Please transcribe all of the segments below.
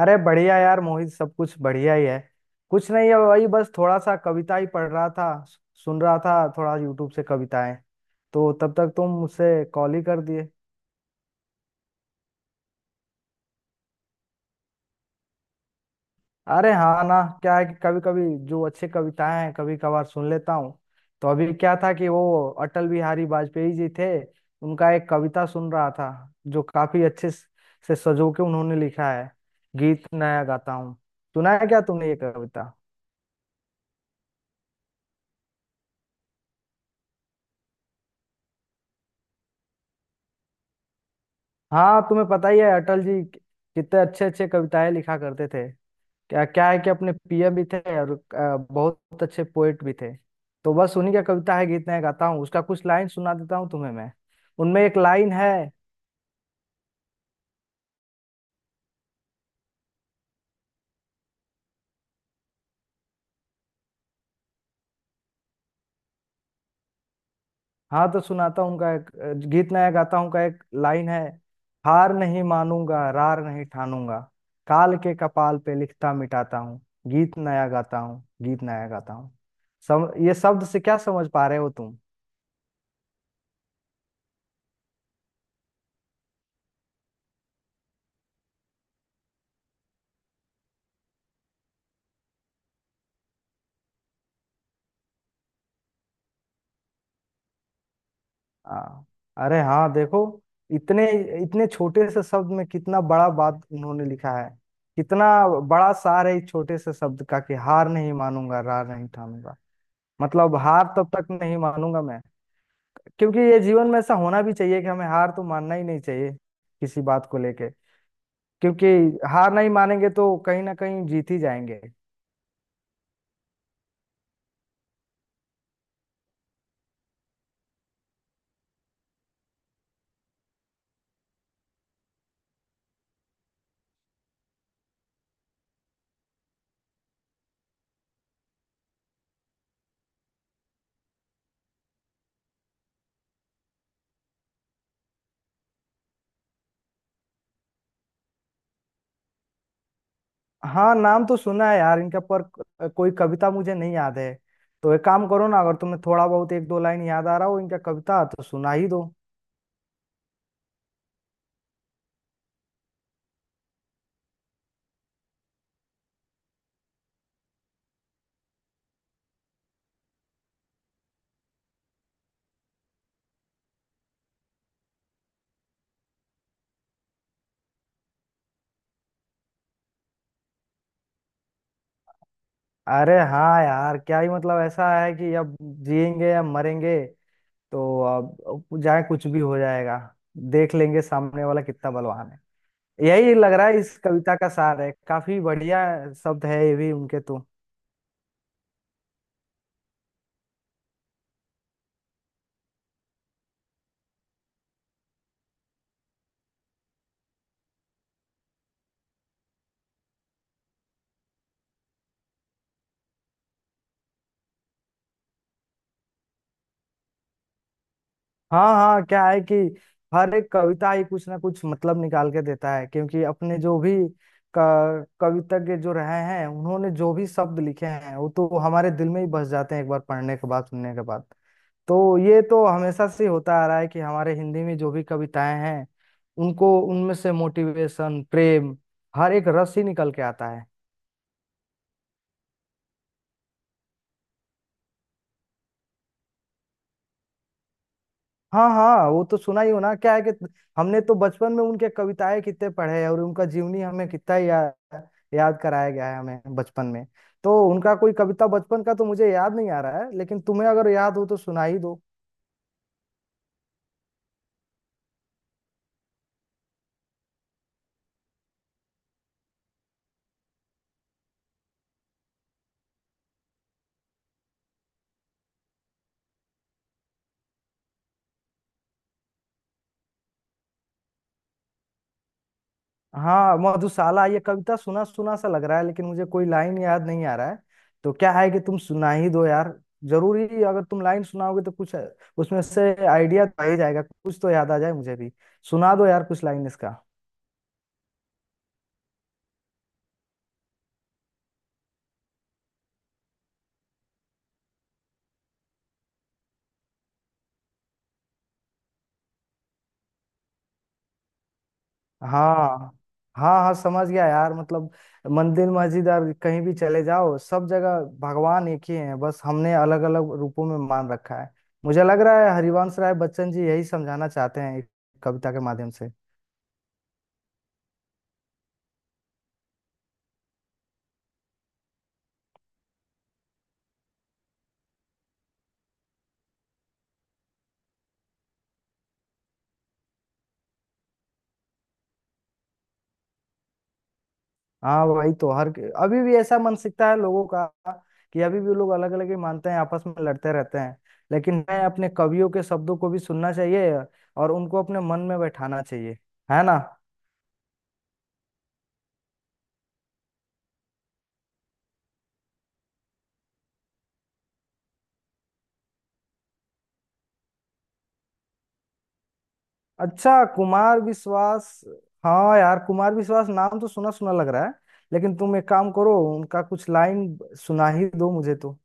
अरे बढ़िया यार मोहित, सब कुछ बढ़िया ही है। कुछ नहीं है, वही बस थोड़ा सा कविता ही पढ़ रहा था, सुन रहा था थोड़ा यूट्यूब से कविताएं। तो तब तक तुम मुझसे कॉल ही कर दिए। अरे हाँ ना, क्या है कि कभी कभी जो अच्छे कविताएं हैं कभी कभार सुन लेता हूँ। तो अभी क्या था कि वो अटल बिहारी वाजपेयी जी थे, उनका एक कविता सुन रहा था, जो काफी अच्छे से सजो के उन्होंने लिखा है, गीत नया गाता हूँ। सुना है क्या तुमने ये कविता? हाँ, तुम्हें पता ही है अटल जी कितने अच्छे अच्छे कविताएं लिखा करते थे। क्या क्या है कि अपने पीएम भी थे और बहुत अच्छे पोएट भी थे। तो बस उन्हीं का कविता है, गीत मैं गाता हूँ, उसका कुछ लाइन सुना देता हूँ तुम्हें मैं। उनमें एक लाइन है। हाँ, तो सुनाता हूँ उनका एक गीत नया गाता हूँ का एक लाइन है। हार नहीं मानूंगा, रार नहीं ठानूंगा, काल के कपाल पे लिखता मिटाता हूँ, गीत नया गाता हूँ, गीत नया गाता हूँ। सम ये शब्द से क्या समझ पा रहे हो तुम? हाँ। अरे हाँ, देखो, इतने इतने छोटे से शब्द में कितना बड़ा बात उन्होंने लिखा है। कितना बड़ा सार है इस छोटे से शब्द का कि हार नहीं मानूंगा, रार नहीं ठानूंगा। मतलब हार तब तक नहीं मानूंगा मैं, क्योंकि ये जीवन में ऐसा होना भी चाहिए कि हमें हार तो मानना ही नहीं चाहिए किसी बात को लेके। क्योंकि हार नहीं मानेंगे तो कहीं ना कहीं जीत ही जाएंगे। हाँ, नाम तो सुना है यार इनका, पर कोई कविता मुझे नहीं याद है। तो एक काम करो ना, अगर तुम्हें थोड़ा बहुत एक दो लाइन याद आ रहा हो इनका कविता, तो सुना ही दो। अरे हाँ यार, क्या ही मतलब ऐसा है कि अब जिएंगे या मरेंगे, तो अब जाए, कुछ भी हो जाएगा, देख लेंगे सामने वाला कितना बलवान है। यही लग रहा है इस कविता का सार है। काफी बढ़िया शब्द है ये भी उनके तो। हाँ हाँ, क्या है कि हर एक कविता ही कुछ ना कुछ मतलब निकाल के देता है, क्योंकि अपने जो भी कवितज्ञ जो रहे हैं, उन्होंने जो भी शब्द लिखे हैं वो तो हमारे दिल में ही बस जाते हैं एक बार पढ़ने के बाद, सुनने के बाद। तो ये तो हमेशा से होता आ रहा है कि हमारे हिंदी में जो भी कविताएं हैं, उनको उनमें से मोटिवेशन, प्रेम, हर एक रस ही निकल के आता है। हाँ हाँ, वो तो सुना ही हो ना। क्या है कि हमने तो बचपन में उनके कविताएं कितने पढ़े हैं, और उनका जीवनी हमें कितना ही याद कराया गया है हमें बचपन में। तो उनका कोई कविता बचपन का तो मुझे याद नहीं आ रहा है, लेकिन तुम्हें अगर याद हो तो सुना ही दो। हाँ, मधुशाला ये कविता सुना सुना सा लग रहा है, लेकिन मुझे कोई लाइन याद नहीं आ रहा है। तो क्या है कि तुम सुना ही दो यार। जरूरी, अगर तुम लाइन सुनाओगे तो कुछ उसमें से आइडिया तो आ ही जाएगा, कुछ तो याद आ जाए मुझे भी। सुना दो यार कुछ लाइन इसका। हाँ। हाँ हाँ, समझ गया यार। मतलब मंदिर मस्जिद और कहीं भी चले जाओ, सब जगह भगवान एक ही है, बस हमने अलग अलग रूपों में मान रखा है। मुझे लग रहा है हरिवंश राय बच्चन जी यही समझाना चाहते हैं एक कविता के माध्यम से। हाँ, वही तो। हर, अभी भी ऐसा मानसिकता है लोगों का कि अभी भी लोग अलग अलग ही मानते हैं, आपस में लड़ते रहते हैं। लेकिन मैं, अपने कवियों के शब्दों को भी सुनना चाहिए और उनको अपने मन में बैठाना चाहिए, है ना? अच्छा, कुमार विश्वास। हाँ यार, कुमार विश्वास नाम तो सुना सुना लग रहा है। लेकिन तुम एक काम करो, उनका कुछ लाइन सुना ही दो मुझे तो।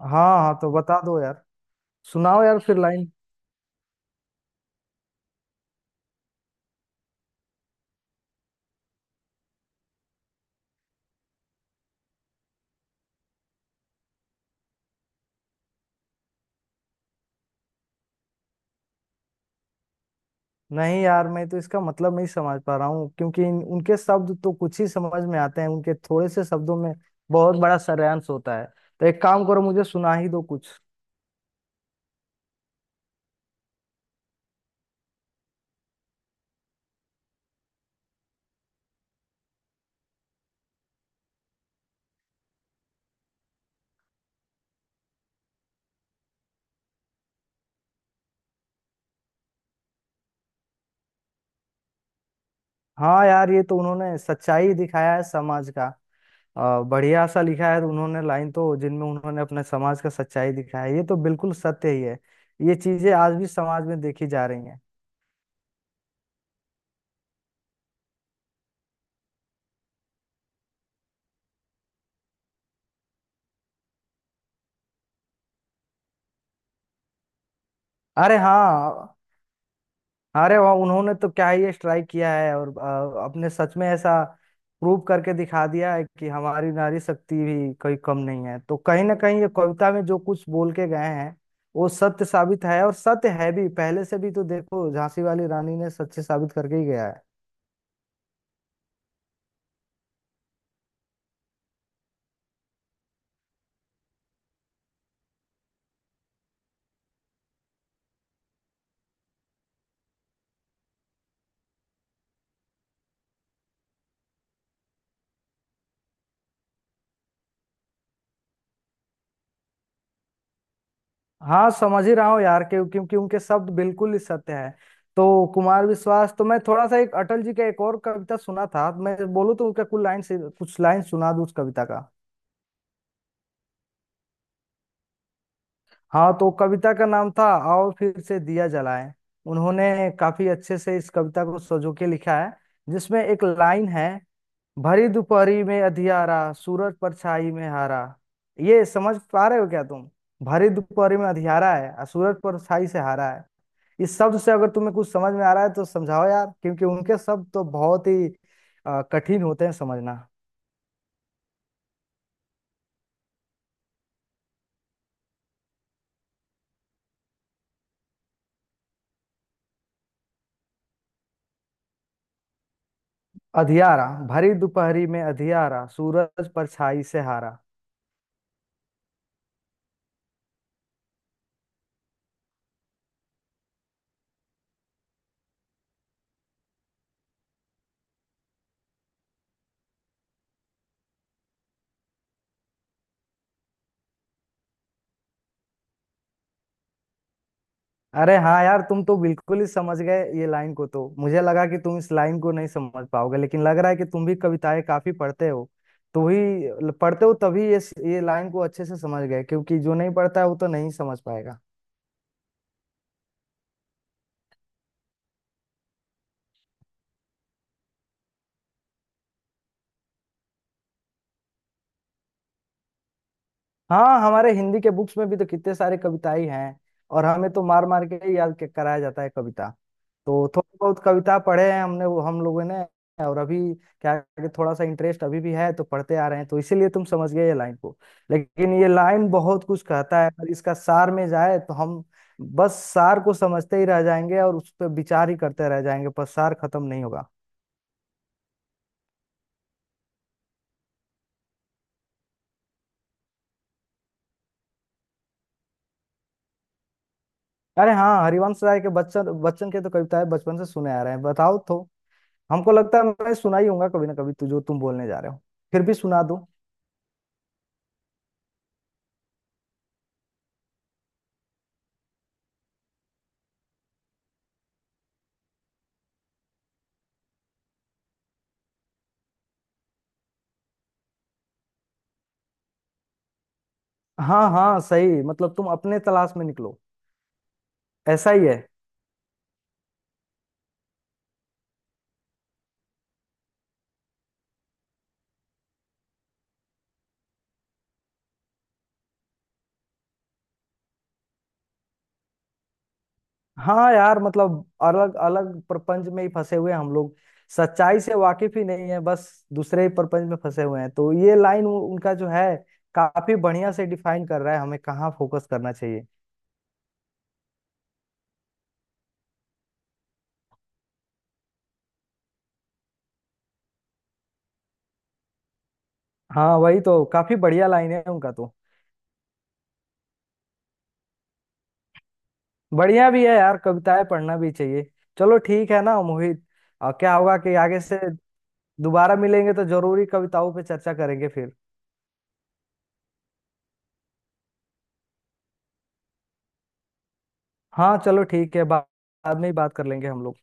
हाँ हाँ, तो बता दो यार। सुनाओ यार फिर लाइन। नहीं यार, मैं तो इसका मतलब नहीं समझ पा रहा हूँ, क्योंकि उनके शब्द तो कुछ ही समझ में आते हैं। उनके थोड़े से शब्दों में बहुत बड़ा सारांश होता है। तो एक काम करो, मुझे सुना ही दो कुछ। हाँ यार, ये तो उन्होंने सच्चाई दिखाया है समाज का। बढ़िया सा लिखा है उन्होंने लाइन तो, जिनमें उन्होंने अपने समाज का सच्चाई दिखा है। ये तो बिल्कुल सत्य ही है। ये चीजें आज भी समाज में देखी जा रही हैं। अरे हाँ। अरे वाह, उन्होंने तो क्या ही स्ट्राइक किया है, और अपने सच में ऐसा प्रूव करके दिखा दिया है कि हमारी नारी शक्ति भी कोई कम नहीं है। तो कहीं ना कहीं ये कविता में जो कुछ बोल के गए हैं, वो सत्य साबित है, और सत्य है भी। पहले से भी तो देखो, झांसी वाली रानी ने सत्य साबित करके ही गया है। हाँ समझ ही रहा हूँ यार, क्योंकि उनके शब्द बिल्कुल ही सत्य है। तो कुमार विश्वास तो, मैं थोड़ा सा एक अटल जी का एक और कविता सुना था, मैं बोलूँ तो उनका कुल लाइन से कुछ लाइन सुना दूँ उस कविता का। हाँ तो कविता का नाम था आओ फिर से दिया जलाएं। उन्होंने काफी अच्छे से इस कविता को सजो के लिखा है, जिसमें एक लाइन है, भरी दोपहरी में अधियारा, सूरज परछाई में हारा। ये समझ पा रहे हो क्या तुम? भरी दोपहरी में अधियारा है और सूरज परछाई से हारा है। इस शब्द से अगर तुम्हें कुछ समझ में आ रहा है तो समझाओ यार, क्योंकि उनके शब्द तो बहुत ही कठिन होते हैं समझना। अधियारा, भरी दोपहरी में अधियारा, सूरज परछाई से हारा। अरे हाँ यार, तुम तो बिल्कुल ही समझ गए ये लाइन को। तो मुझे लगा कि तुम इस लाइन को नहीं समझ पाओगे, लेकिन लग रहा है कि तुम भी कविताएं काफी पढ़ते हो, तो ही पढ़ते हो तभी ये लाइन को अच्छे से समझ गए। क्योंकि जो नहीं पढ़ता है वो तो नहीं समझ पाएगा। हाँ, हमारे हिंदी के बुक्स में भी तो कितने सारे कविताएं हैं, और हमें तो मार मार के ही याद कराया जाता है कविता। तो थोड़ी बहुत कविता पढ़े हैं हमने, वो हम लोगों ने। और अभी क्या है कि थोड़ा सा इंटरेस्ट अभी भी है, तो पढ़ते आ रहे हैं, तो इसीलिए तुम समझ गए ये लाइन को। लेकिन ये लाइन बहुत कुछ कहता है, अगर इसका सार में जाए तो हम बस सार को समझते ही रह जाएंगे और उस पर विचार ही करते रह जाएंगे, पर सार खत्म नहीं होगा। अरे हाँ, हरिवंश राय के बच्चन, बच्चन के तो कविताएं बचपन से सुने आ रहे हैं, बताओ तो। हमको लगता है मैं सुना ही होगा कभी ना कभी तू जो तुम बोलने जा रहे हो, फिर भी सुना दूं। हाँ हाँ सही, मतलब तुम अपने तलाश में निकलो, ऐसा ही है। हाँ यार, मतलब अलग अलग प्रपंच में ही फंसे हुए हैं हम लोग। सच्चाई से वाकिफ ही नहीं है, बस दूसरे ही प्रपंच में फंसे हुए हैं। तो ये लाइन उनका जो है काफी बढ़िया से डिफाइन कर रहा है हमें कहाँ फोकस करना चाहिए। हाँ, वही तो काफी बढ़िया लाइन है उनका तो। बढ़िया भी है यार, कविताएं पढ़ना भी चाहिए। चलो ठीक है ना मोहित, और क्या होगा कि आगे से दोबारा मिलेंगे तो जरूरी कविताओं पे चर्चा करेंगे फिर। हाँ चलो ठीक है, बाद में ही बात कर लेंगे हम लोग।